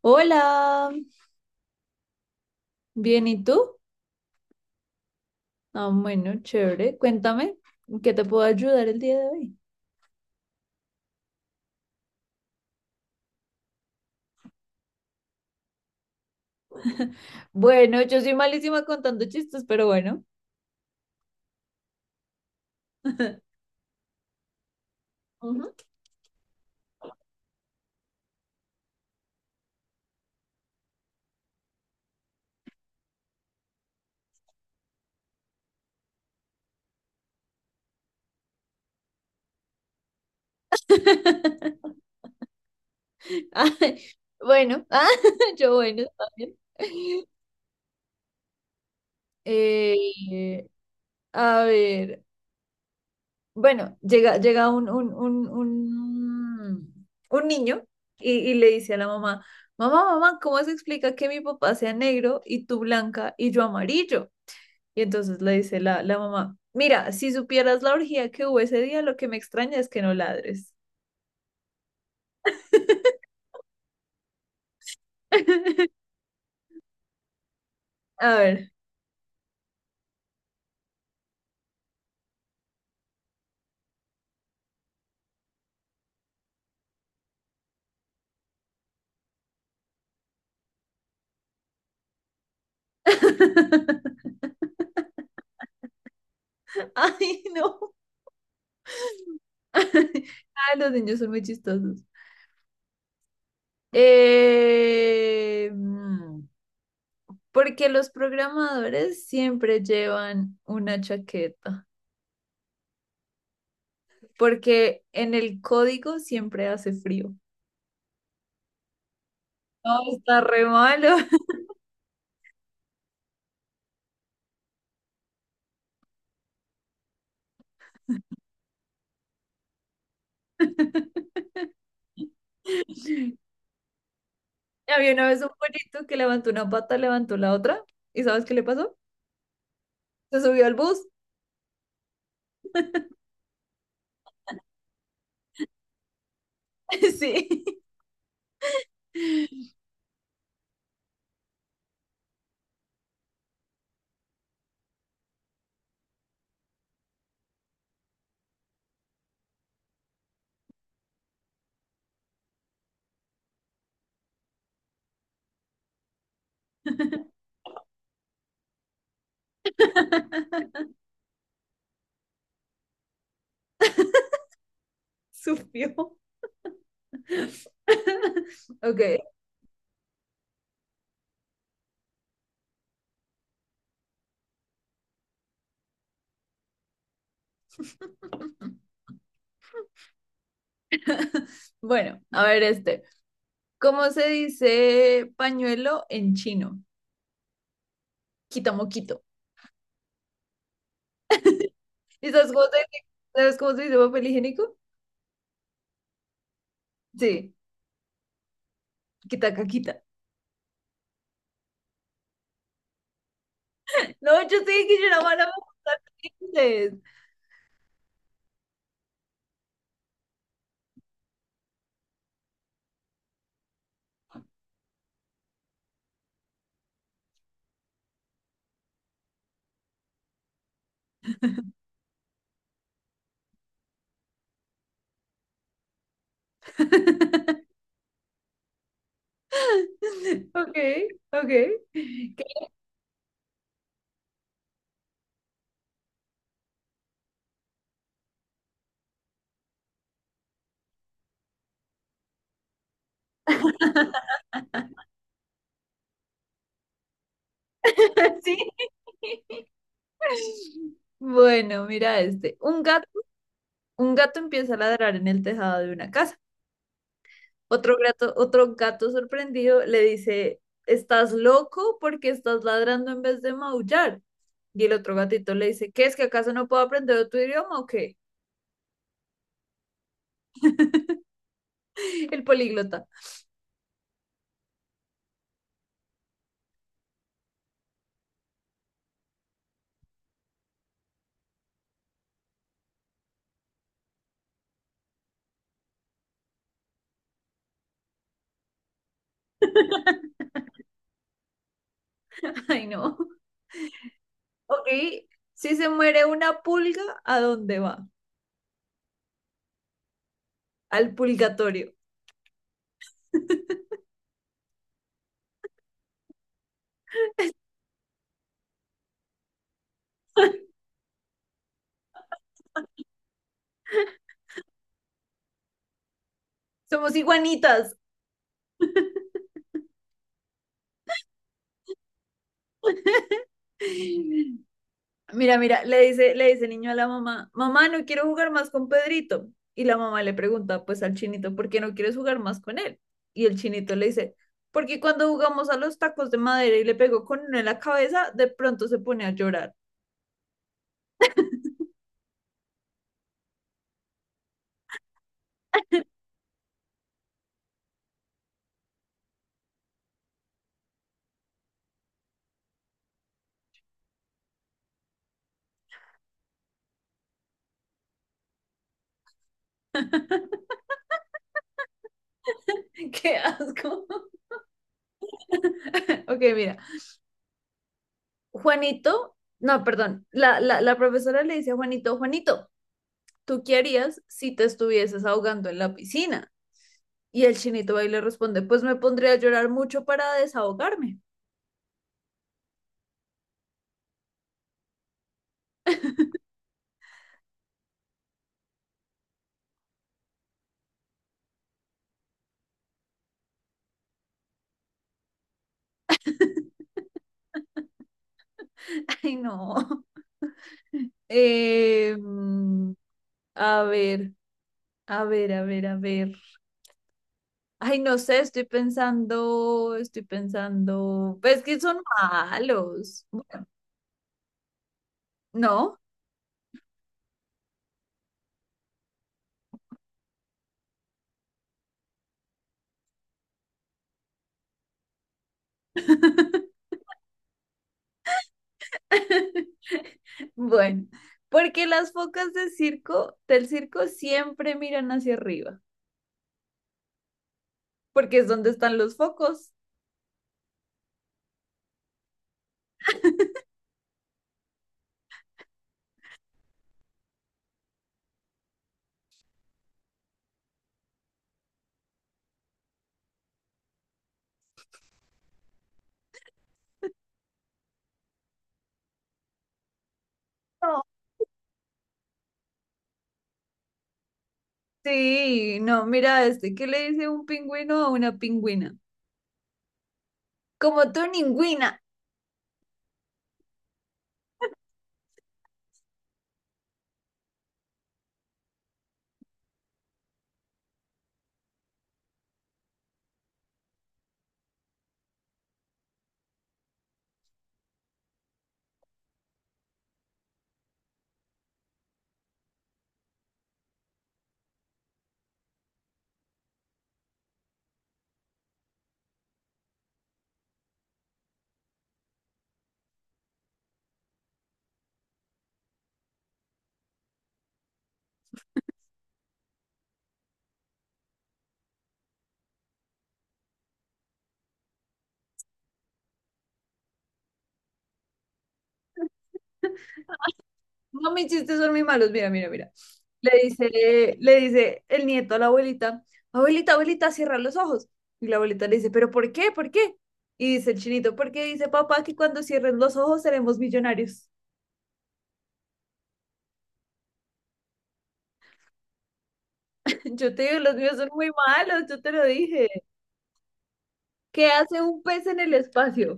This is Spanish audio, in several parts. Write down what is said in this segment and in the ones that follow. Hola, bien, ¿y tú? Ah, bueno, chévere. Cuéntame, ¿en ¿qué te puedo ayudar el día de hoy? Bueno, yo soy malísima contando chistes, pero bueno. Ujú. Ay, bueno, yo bueno, está bien. Eh, a ver, bueno, llega un niño y le dice a la mamá, mamá, mamá, ¿cómo se explica que mi papá sea negro y tú blanca y yo amarillo? Y entonces le dice la mamá, mira, si supieras la orgía que hubo ese día, lo que me extraña es que no ladres. A ver. Ay, no. Ay, los niños son muy chistosos. Eh, mm, Porque los programadores siempre llevan una chaqueta, porque en el código siempre hace frío. No, está re malo. Había una vez un bonito que levantó una pata, levantó la otra, ¿y sabes qué le pasó? Se subió al bus. Sí. Sufrió. Ok. Bueno, a ver este. ¿Cómo se dice pañuelo en chino? Quita moquito. ¿Y sabes cómo se dice, sabes cómo se dice papel higiénico? Sí, quita caquita. No, yo sé que yo era mala para inglés. Ok, ok. ¿Qué- Sí. Bueno, mira este. Un gato, un gato empieza a ladrar en el tejado de una casa. Otro gato sorprendido le dice, ¿estás loco porque estás ladrando en vez de maullar? Y el otro gatito le dice, ¿qué es que acaso no puedo aprender otro idioma o qué? El políglota. Ay, no. Ok, si se muere una pulga, ¿a dónde va? Al pulgatorio. Somos iguanitas. Mira, mira, le dice el niño a la mamá, mamá, no quiero jugar más con Pedrito. Y la mamá le pregunta, pues al chinito, ¿por qué no quieres jugar más con él? Y el chinito le dice, porque cuando jugamos a los tacos de madera y le pegó con uno en la cabeza, de pronto se pone a llorar. ¡Qué asco! Ok, mira, Juanito, no, perdón, la profesora le dice a Juanito, Juanito, ¿tú qué harías si te estuvieses ahogando en la piscina? Y el chinito ahí le responde, pues me pondría a llorar mucho para desahogarme. Ay, no. Eh, mm, a ver, a ver. Ay, no sé, estoy pensando, estoy pensando. Pues que son malos. Bueno, no. Bueno, porque las focas de circo, del circo siempre miran hacia arriba, porque es donde están los focos. No. Sí, no, mira este, ¿qué le dice un pingüino a una pingüina? Como tu ningüina. No, mis chistes son muy malos. Mira, mira, mira. Le dice el nieto a la abuelita, abuelita, abuelita, cierra los ojos. Y la abuelita le dice, ¿pero por qué? ¿Por qué? Y dice el chinito, porque dice papá que cuando cierres los ojos seremos millonarios. Yo te digo, los míos son muy malos, yo te lo dije. ¿Qué hace un pez en el espacio?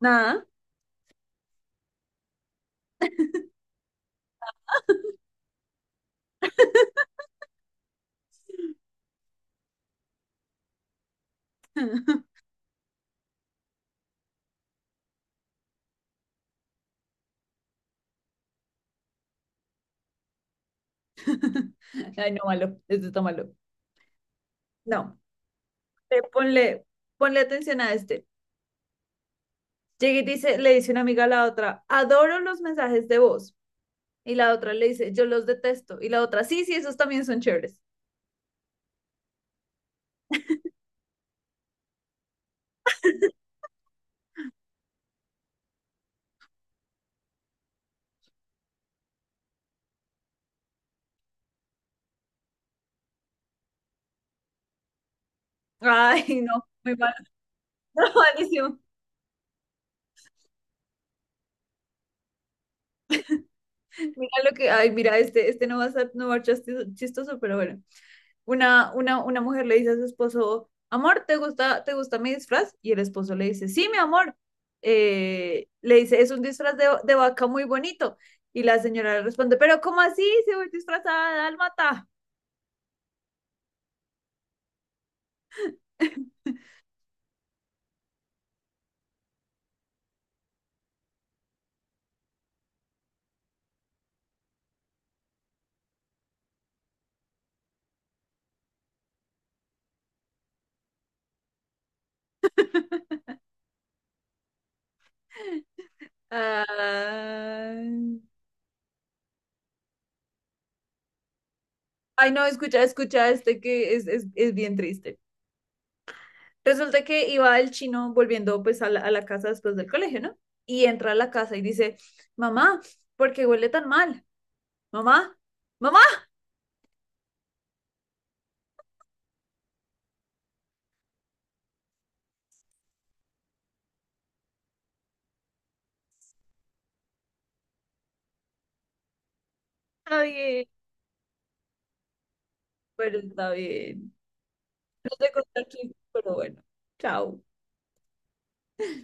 Nada. Ay, no, malo, esto está malo. No, ponle, ponle atención a este. Llega y dice, le dice una amiga a la otra, adoro los mensajes de voz. Y la otra le dice, yo los detesto. Y la otra, sí, sí, esos también son chéveres. Ay, no, muy mal, malísimo. Mira lo que, ay, mira, este no va a ser, no va a ser chistoso, chistoso, pero bueno. Una mujer le dice a su esposo, amor, te gusta mi disfraz? Y el esposo le dice, sí, mi amor. Le dice, es un disfraz de vaca muy bonito. Y la señora le responde, pero ¿cómo así? Se voy disfrazada de dálmata. Ay, ay, no, escucha, escucha, este que es bien triste. Resulta que iba el chino volviendo pues a a la casa después del colegio, ¿no? Y entra a la casa y dice, mamá, ¿por qué huele tan mal? Mamá, mamá. Está bien. Bueno, está bien. No te conté el chiste, pero bueno, chao.